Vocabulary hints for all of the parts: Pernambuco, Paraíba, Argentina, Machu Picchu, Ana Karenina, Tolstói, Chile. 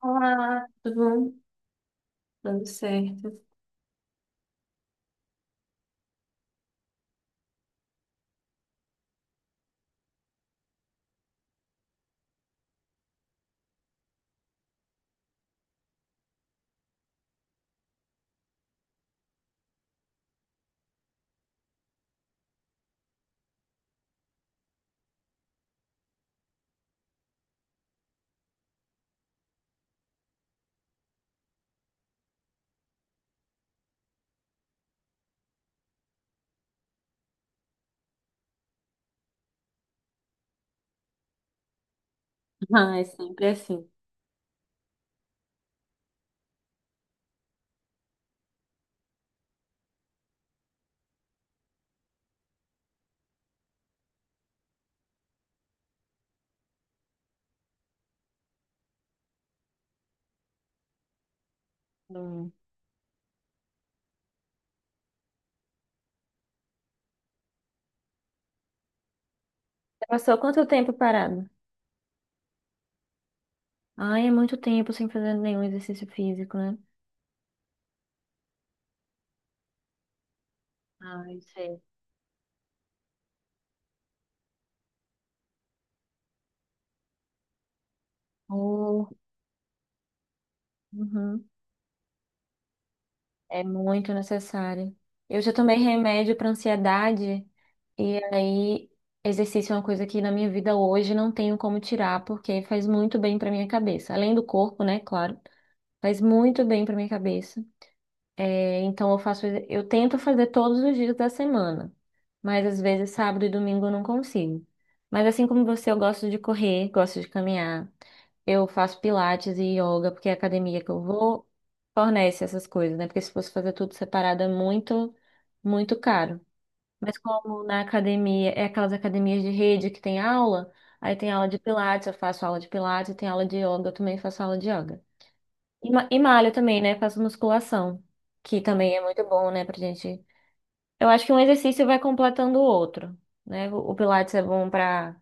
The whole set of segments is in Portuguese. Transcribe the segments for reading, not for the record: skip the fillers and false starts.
Olá, tudo bom? Tudo certo. Ah, é sempre assim. Hum. Você passou quanto tempo parado? Ai, é muito tempo sem fazer nenhum exercício físico, né? Ai, sei. Oh, uhum. É muito necessário. Eu já tomei remédio para ansiedade e aí exercício é uma coisa que na minha vida hoje não tenho como tirar porque faz muito bem para minha cabeça. Além do corpo, né? Claro, faz muito bem para minha cabeça. É, então eu faço, eu tento fazer todos os dias da semana, mas às vezes sábado e domingo eu não consigo. Mas assim como você, eu gosto de correr, gosto de caminhar. Eu faço pilates e yoga, porque é a academia que eu vou fornece essas coisas, né? Porque se fosse fazer tudo separado é muito, muito caro. Mas como na academia, é aquelas academias de rede que tem aula, aí tem aula de pilates, eu faço aula de pilates, tem aula de yoga, eu também faço aula de yoga. E, e malho também, né? Faço musculação, que também é muito bom, né, pra gente. Eu acho que um exercício vai completando o outro, né? O Pilates é bom pra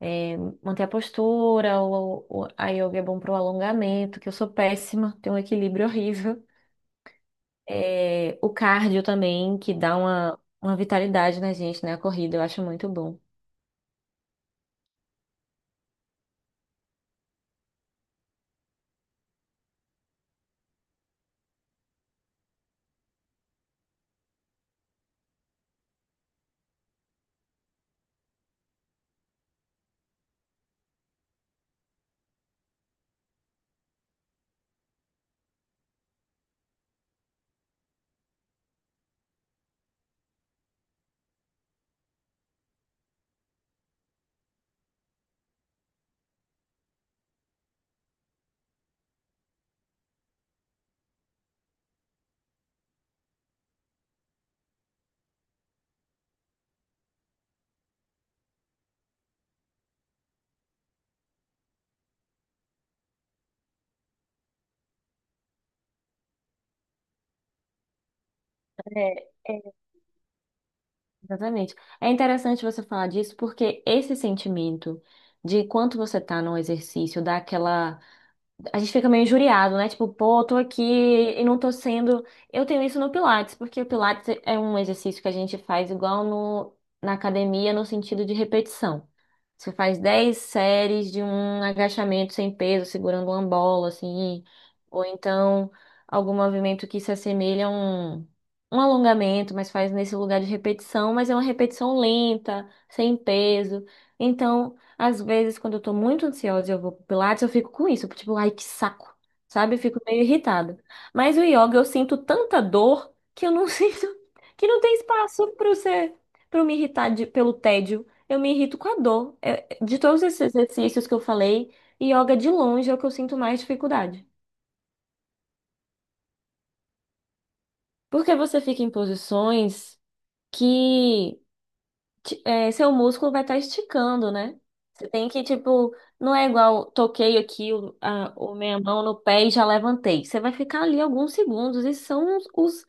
é, manter a postura, a yoga é bom pro alongamento, que eu sou péssima, tenho um equilíbrio horrível. É, o cardio também, que dá uma vitalidade na gente, né? A corrida, eu acho muito bom. É, é, Exatamente. É interessante você falar disso porque esse sentimento de quanto você tá no exercício, dá aquela. A gente fica meio injuriado, né? Tipo, pô, eu tô aqui e não tô sendo. Eu tenho isso no Pilates, porque o Pilates é um exercício que a gente faz igual na academia, no sentido de repetição. Você faz 10 séries de um agachamento sem peso, segurando uma bola, assim. Ou então algum movimento que se assemelha a um alongamento, mas faz nesse lugar de repetição, mas é uma repetição lenta, sem peso. Então, às vezes, quando eu tô muito ansiosa e eu vou pro Pilates, eu fico com isso, tipo, ai, que saco, sabe? Eu fico meio irritada. Mas o yoga, eu sinto tanta dor que eu não sinto, que não tem espaço para você, para me irritar pelo tédio. Eu me irrito com a dor. É, de todos esses exercícios que eu falei, yoga de longe é o que eu sinto mais dificuldade. Porque você fica em posições que seu músculo vai estar esticando, né? Você tem que, tipo, não é igual toquei aqui o, a, o minha mão no pé e já levantei. Você vai ficar ali alguns segundos e são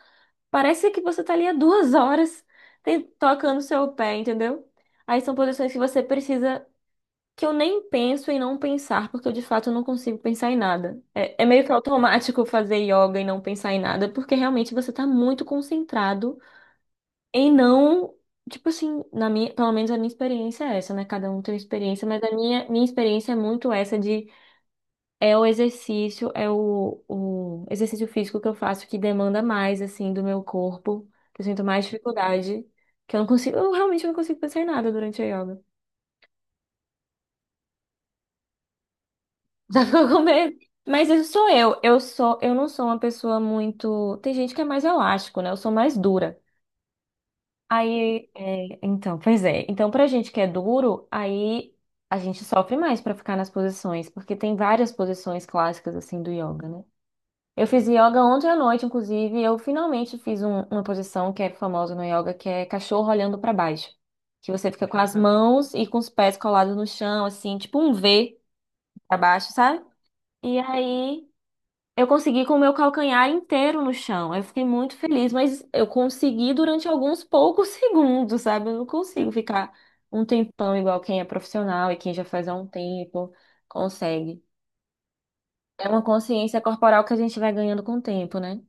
parece que você tá ali há 2 horas tocando seu pé, entendeu? Aí são posições que você precisa. Que eu nem penso em não pensar, porque eu de fato não consigo pensar em nada. É, é meio que automático fazer yoga e não pensar em nada, porque realmente você tá muito concentrado em não. Tipo assim, na minha, pelo menos a minha experiência é essa, né? Cada um tem uma experiência, mas a minha experiência é muito essa de é o exercício, é o exercício físico que eu faço que demanda mais, assim, do meu corpo, que eu sinto mais dificuldade, que eu não consigo, eu realmente não consigo pensar em nada durante a yoga. Já ficou com medo? Mas isso sou eu. Eu não sou uma pessoa muito. Tem gente que é mais elástico, né? Eu sou mais dura. Aí, então, pois é. Então, pra gente que é duro, aí a gente sofre mais pra ficar nas posições, porque tem várias posições clássicas assim do yoga, né? Eu fiz yoga ontem à noite, inclusive, e eu finalmente fiz uma posição que é famosa no yoga, que é cachorro olhando pra baixo, que você fica com as mãos e com os pés colados no chão, assim, tipo um V pra baixo, sabe? E aí eu consegui com o meu calcanhar inteiro no chão. Eu fiquei muito feliz, mas eu consegui durante alguns poucos segundos, sabe? Eu não consigo ficar um tempão igual quem é profissional e quem já faz há um tempo consegue. É uma consciência corporal que a gente vai ganhando com o tempo, né?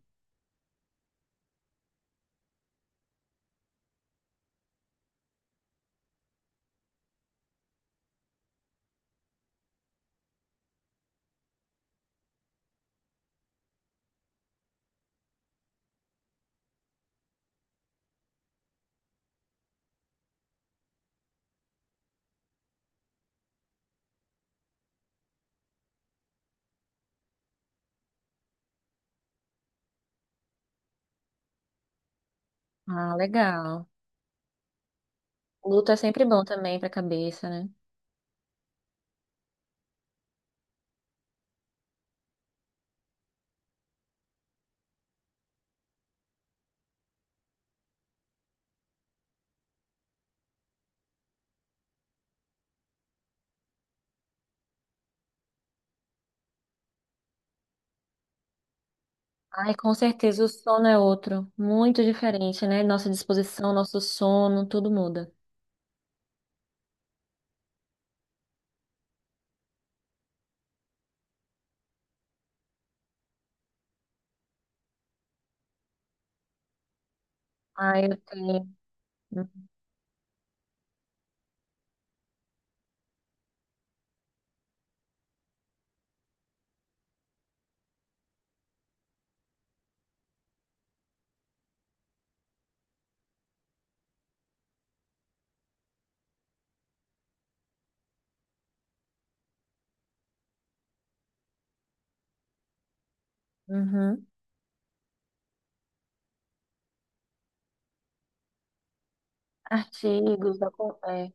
Ah, legal. Luta é sempre bom também para a cabeça, né? Ai, com certeza o sono é outro, muito diferente, né? Nossa disposição, nosso sono, tudo muda. Ai, eu tenho. Uhum. Artigos, é.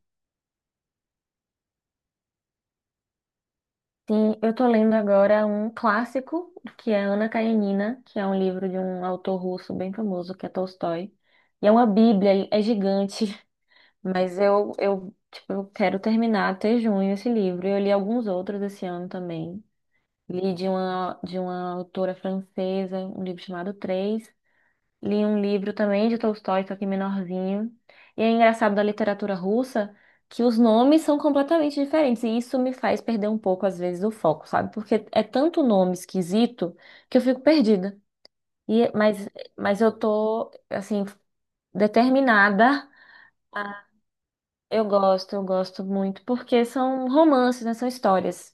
Sim, eu tô lendo agora um clássico, que é Ana Karenina, que é um livro de um autor russo bem famoso, que é Tolstói. E é uma bíblia, é gigante. Mas eu, tipo, eu quero terminar até junho esse livro. Eu li alguns outros esse ano também. Li de uma autora francesa, um livro chamado Três. Li um livro também de Tolstói, só que menorzinho. E é engraçado da literatura russa que os nomes são completamente diferentes. E isso me faz perder um pouco, às vezes, o foco, sabe? Porque é tanto nome esquisito que eu fico perdida. E, mas, mas eu tô, assim, determinada. Eu gosto muito, porque são romances, né? São histórias.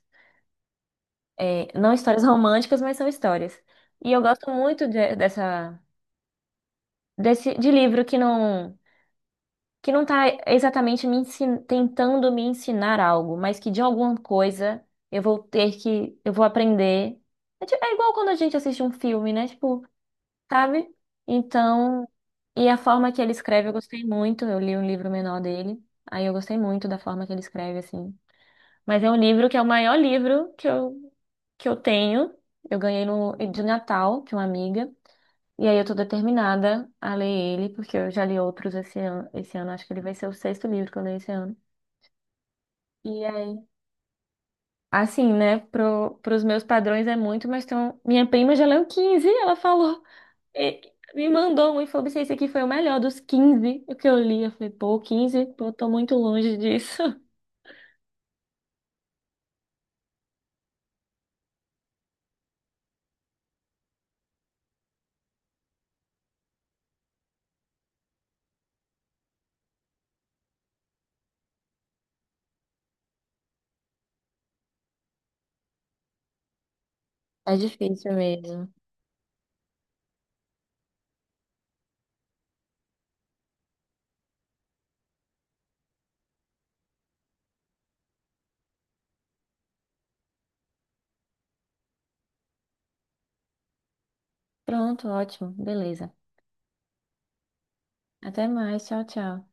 É, não histórias românticas, mas são histórias. E eu gosto muito de livro que não, tá exatamente tentando me ensinar algo, mas que de alguma coisa eu vou aprender. É, é igual quando a gente assiste um filme, né? Tipo, sabe? Então, e a forma que ele escreve, eu gostei muito. Eu li um livro menor dele, aí eu gostei muito da forma que ele escreve, assim. Mas é um livro que é o maior livro que eu tenho. Eu ganhei no, de Natal de uma amiga. E aí eu tô determinada a ler ele, porque eu já li outros esse ano. Esse ano, acho que ele vai ser o sexto livro que eu leio esse ano. E aí? Assim, né? Pros meus padrões é muito, mas tem minha prima já leu 15 ela falou. e- me mandou um e falou assim, esse aqui foi o melhor dos 15 que eu li. Eu falei, pô, 15. Pô, tô muito longe disso. É difícil mesmo. Pronto, ótimo, beleza. Até mais. Tchau, tchau.